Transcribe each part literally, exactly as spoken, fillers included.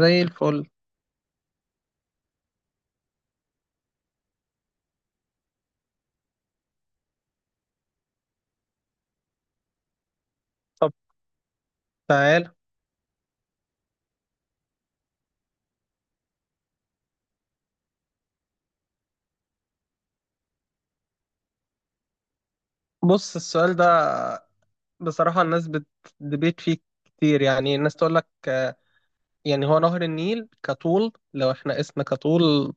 زي الفل. طب، تعال. بص السؤال ده، بصراحة الناس بتدبيت فيه كتير، يعني الناس تقول لك آه، يعني هو نهر النيل كطول، لو احنا قسنا كطول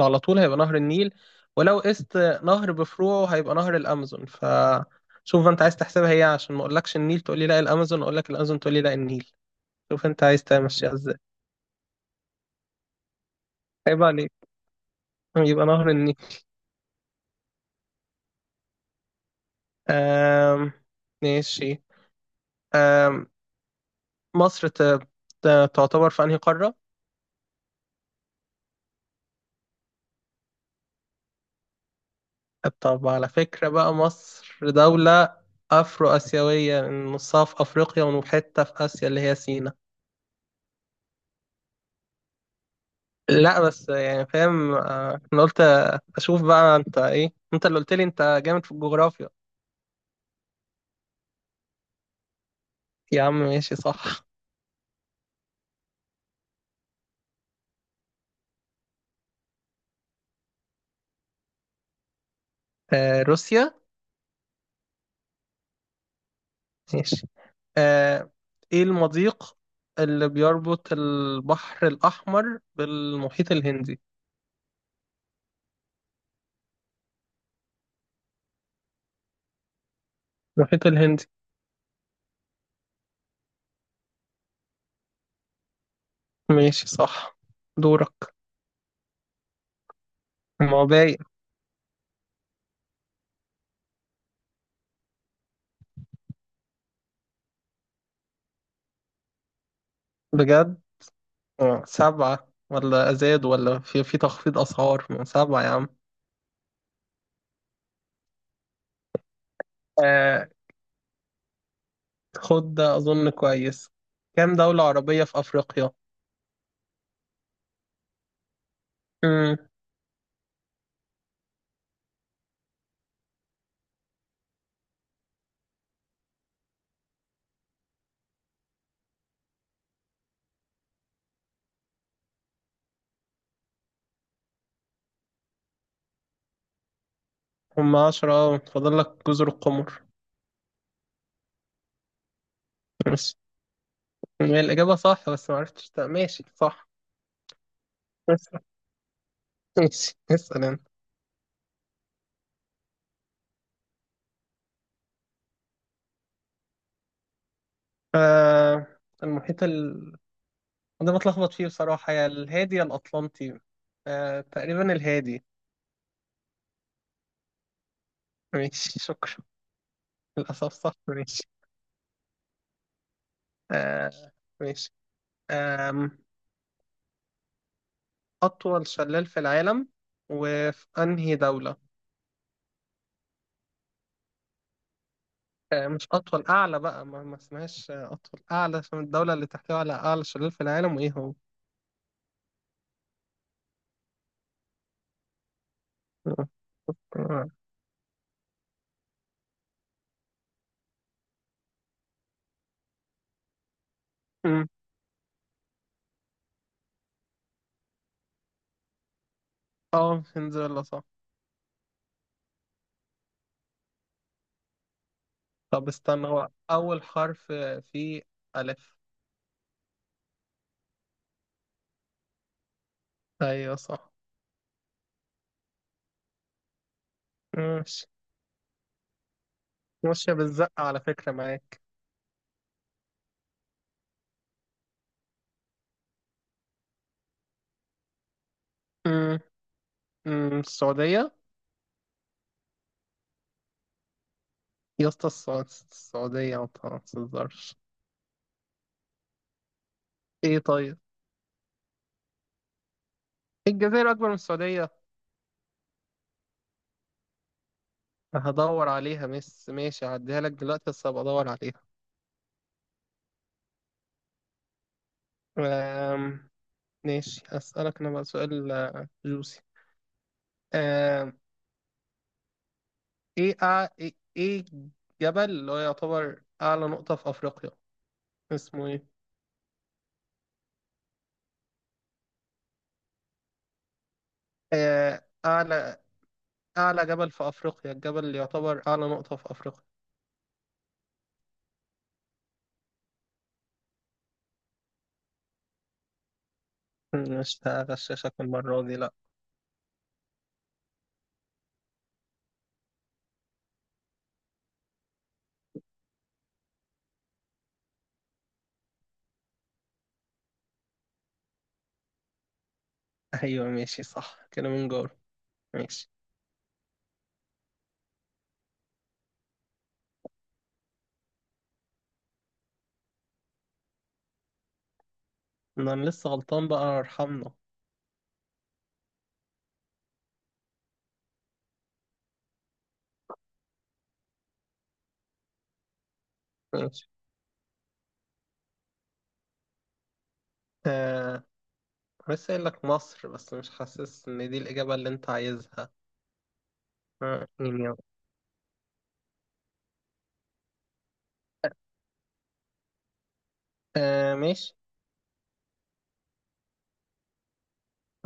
على طول هيبقى نهر النيل، ولو قست نهر بفروعه هيبقى نهر الأمازون. فشوف انت عايز تحسبها ايه، عشان ما اقولكش النيل تقول لي لا الأمازون، اقول لك الأمازون تقول لي لا النيل. شوف انت عايز تمشيها ازاي. عيب عليك. يبقى نهر النيل. آم، ماشي. آم، مصر ت- ت- تعتبر في انهي قارة؟ طب على فكرة بقى، مصر دولة أفرو آسيوية، نصها في أفريقيا وحتة في آسيا اللي هي سينا. لا بس يعني فاهم، آه، أنا قلت أشوف بقى أنت إيه، أنت اللي قلت لي أنت جامد في الجغرافيا. يا عم ماشي صح. آه، روسيا. ماشي. آه، إيه المضيق اللي بيربط البحر الأحمر بالمحيط الهندي؟ المحيط الهندي. ماشي صح. دورك. ما هو باين. بجد؟ آه، سبعة، ولا زاد ولا في في تخفيض أسعار من سبعة يا عم. آه خد ده أظن كويس. كام دولة عربية في أفريقيا؟ مم. هم عشرة، فاضل لك جزر القمر بس. هي الإجابة صح، بس معرفتش ت- ماشي صح. اسأل. ماشي، اسأل أنت. آه المحيط ال ده بتلخبط فيه بصراحة، يا الهادي يا الأطلنطي. آه تقريبا الهادي. ماشي، شكرا. للأسف صح. ماشي. آه ماشي. آه أطول شلال في العالم وفي أنهي دولة؟ آه، مش أطول، أعلى بقى، ما, ما اسمهاش آه، أطول، أعلى، عشان الدولة اللي تحتوي على أعلى شلال في العالم وإيه هو؟ مم. اه، فنزويلا صح. طب استنى، هو أول حرف فيه ألف. أيوه صح. ماشي. ماشية بالزقة على فكرة معاك. مم. مم. السعودية. يا اسطى، السع- السعودية ما تهزرش. إيه طيب؟ الجزائر أكبر من السعودية؟ هدور عليها. مس ماشي، هعديها لك دلوقتي بس هبقى ادور عليها. أم... ماشي. اسألك انا بقى سؤال آه، جوسي. أم... ايه أع... ايه إيه جبل اللي هو يعتبر اعلى نقطة في افريقيا اسمه ايه؟ آه، اعلى، اعلى جبل في افريقيا، الجبل اللي يعتبر اعلى نقطة في افريقيا. مش هغششك المرة دي لا. ايوه ماشي صح كده، من جور. ماشي. إن انا لسه غلطان بقى ارحمنا. ماشي. آه، بس قايل لك مصر، بس مش حاسس ان دي الإجابة اللي انت عايزها. آه، نيميا. آه ماشي.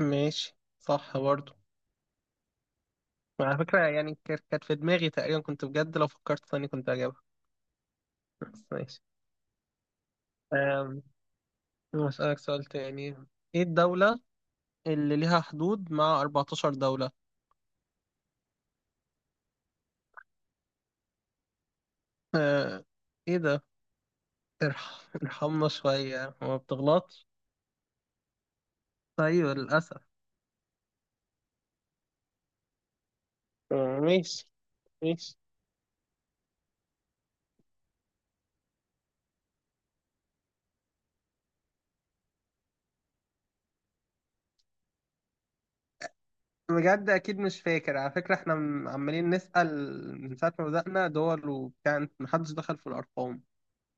ماشي صح برضو. على فكرة يعني، كانت كانت في دماغي تقريبا، كنت بجد لو فكرت ثاني كنت هجيبها، بس ماشي. آم، هسألك سؤال تاني. ايه الدولة اللي ليها حدود مع أربعتاشر دولة؟ آه ايه ده؟ ارحم ارحمنا شوية، ما بتغلطش؟ ايوه للأسف. آه، ماشي، ماشي. بجد اكيد مش فاكر، على فكره احنا م- عمالين نسال من ساعه ما بدانا دول وبتاع، انت- محدش دخل في الارقام.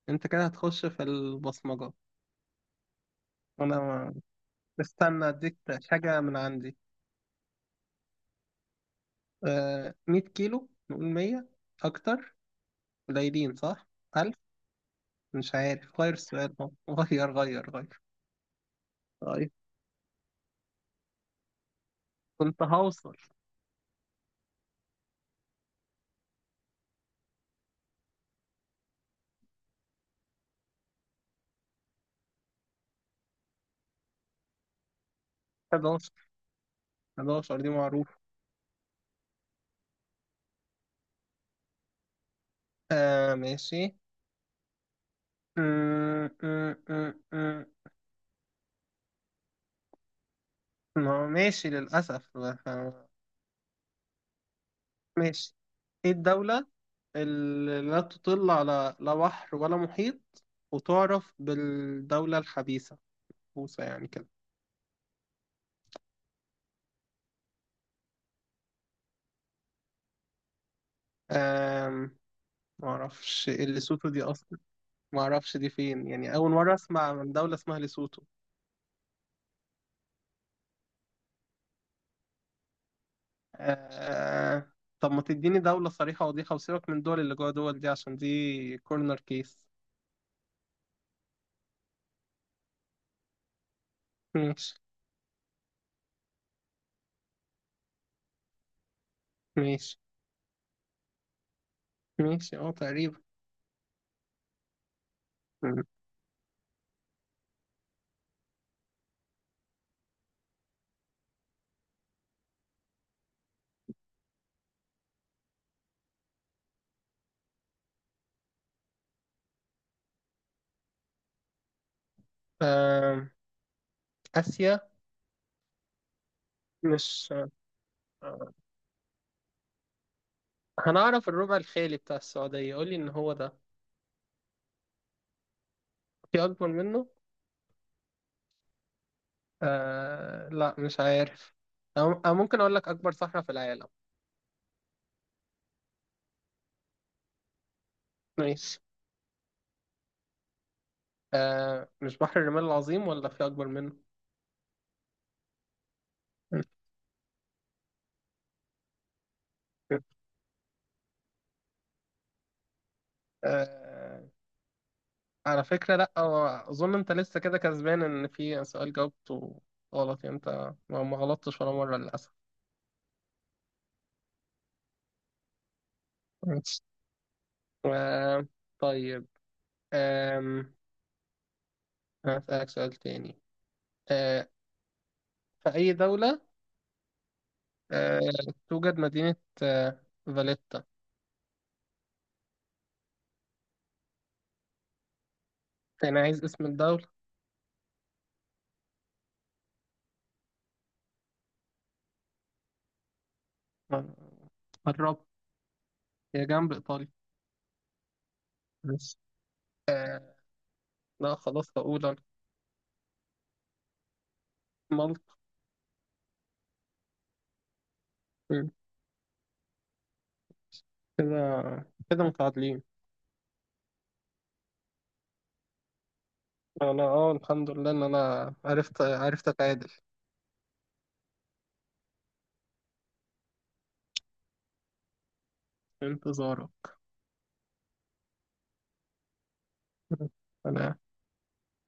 انت كده هتخش في البصمجه. انا ما- استنى اديك حاجه من عندي. آه مائة كيلو. نقول مائة اكتر، قليلين صح. ألف. مش عارف، غير السؤال ده. غير غير غير غير. كنت هوصل. حداشر. حداشر دي معروفه. آه ماشي. م- م- م- م. ما هو ماشي للأسف. ماشي. ايه الدولة اللي لا تطل على لا بحر ولا محيط، وتعرف بالدولة الخبيثة، بوسة يعني كده. أم... معرفش إيه ليسوتو دي أصلا. معرفش دي فين، يعني أول مرة أسمع عن دولة اسمها ليسوتو. أه... طب ما تديني دولة صريحة وضيحة وسيبك من الدول اللي جوه دول دي، عشان دي كورنر كيس. ماشي. ماشي. ماشي، اه تقريبا. أم... آسيا. مش، آه، هنعرف الربع الخالي بتاع السعودية، قولي إن هو ده. في أكبر منه؟ آه لا مش عارف. أو أو ممكن أقول لك أكبر صحراء في العالم. ماشي. آه مش بحر الرمال العظيم؟ ولا في أكبر منه؟ آه على فكرة لا، هو أظن أنت لسه كده كسبان، إن في سؤال جاوبته غلط. يعني أنت ما ما غلطتش ولا مرة للأسف. ماشي. آه طيب. آم، هسألك سؤال تاني. آه في أي دولة آه، توجد مدينة آه، فاليتا؟ أنا عايز اسم الدولة. آه، قربت. هي جنب إيطاليا، بس لا خلاص هقول أنا. مالطا. مم. كده كده متعادلين. أنا أه الحمد لله إن أنا عرفت عرفت أتعادل. انتظاره. أنا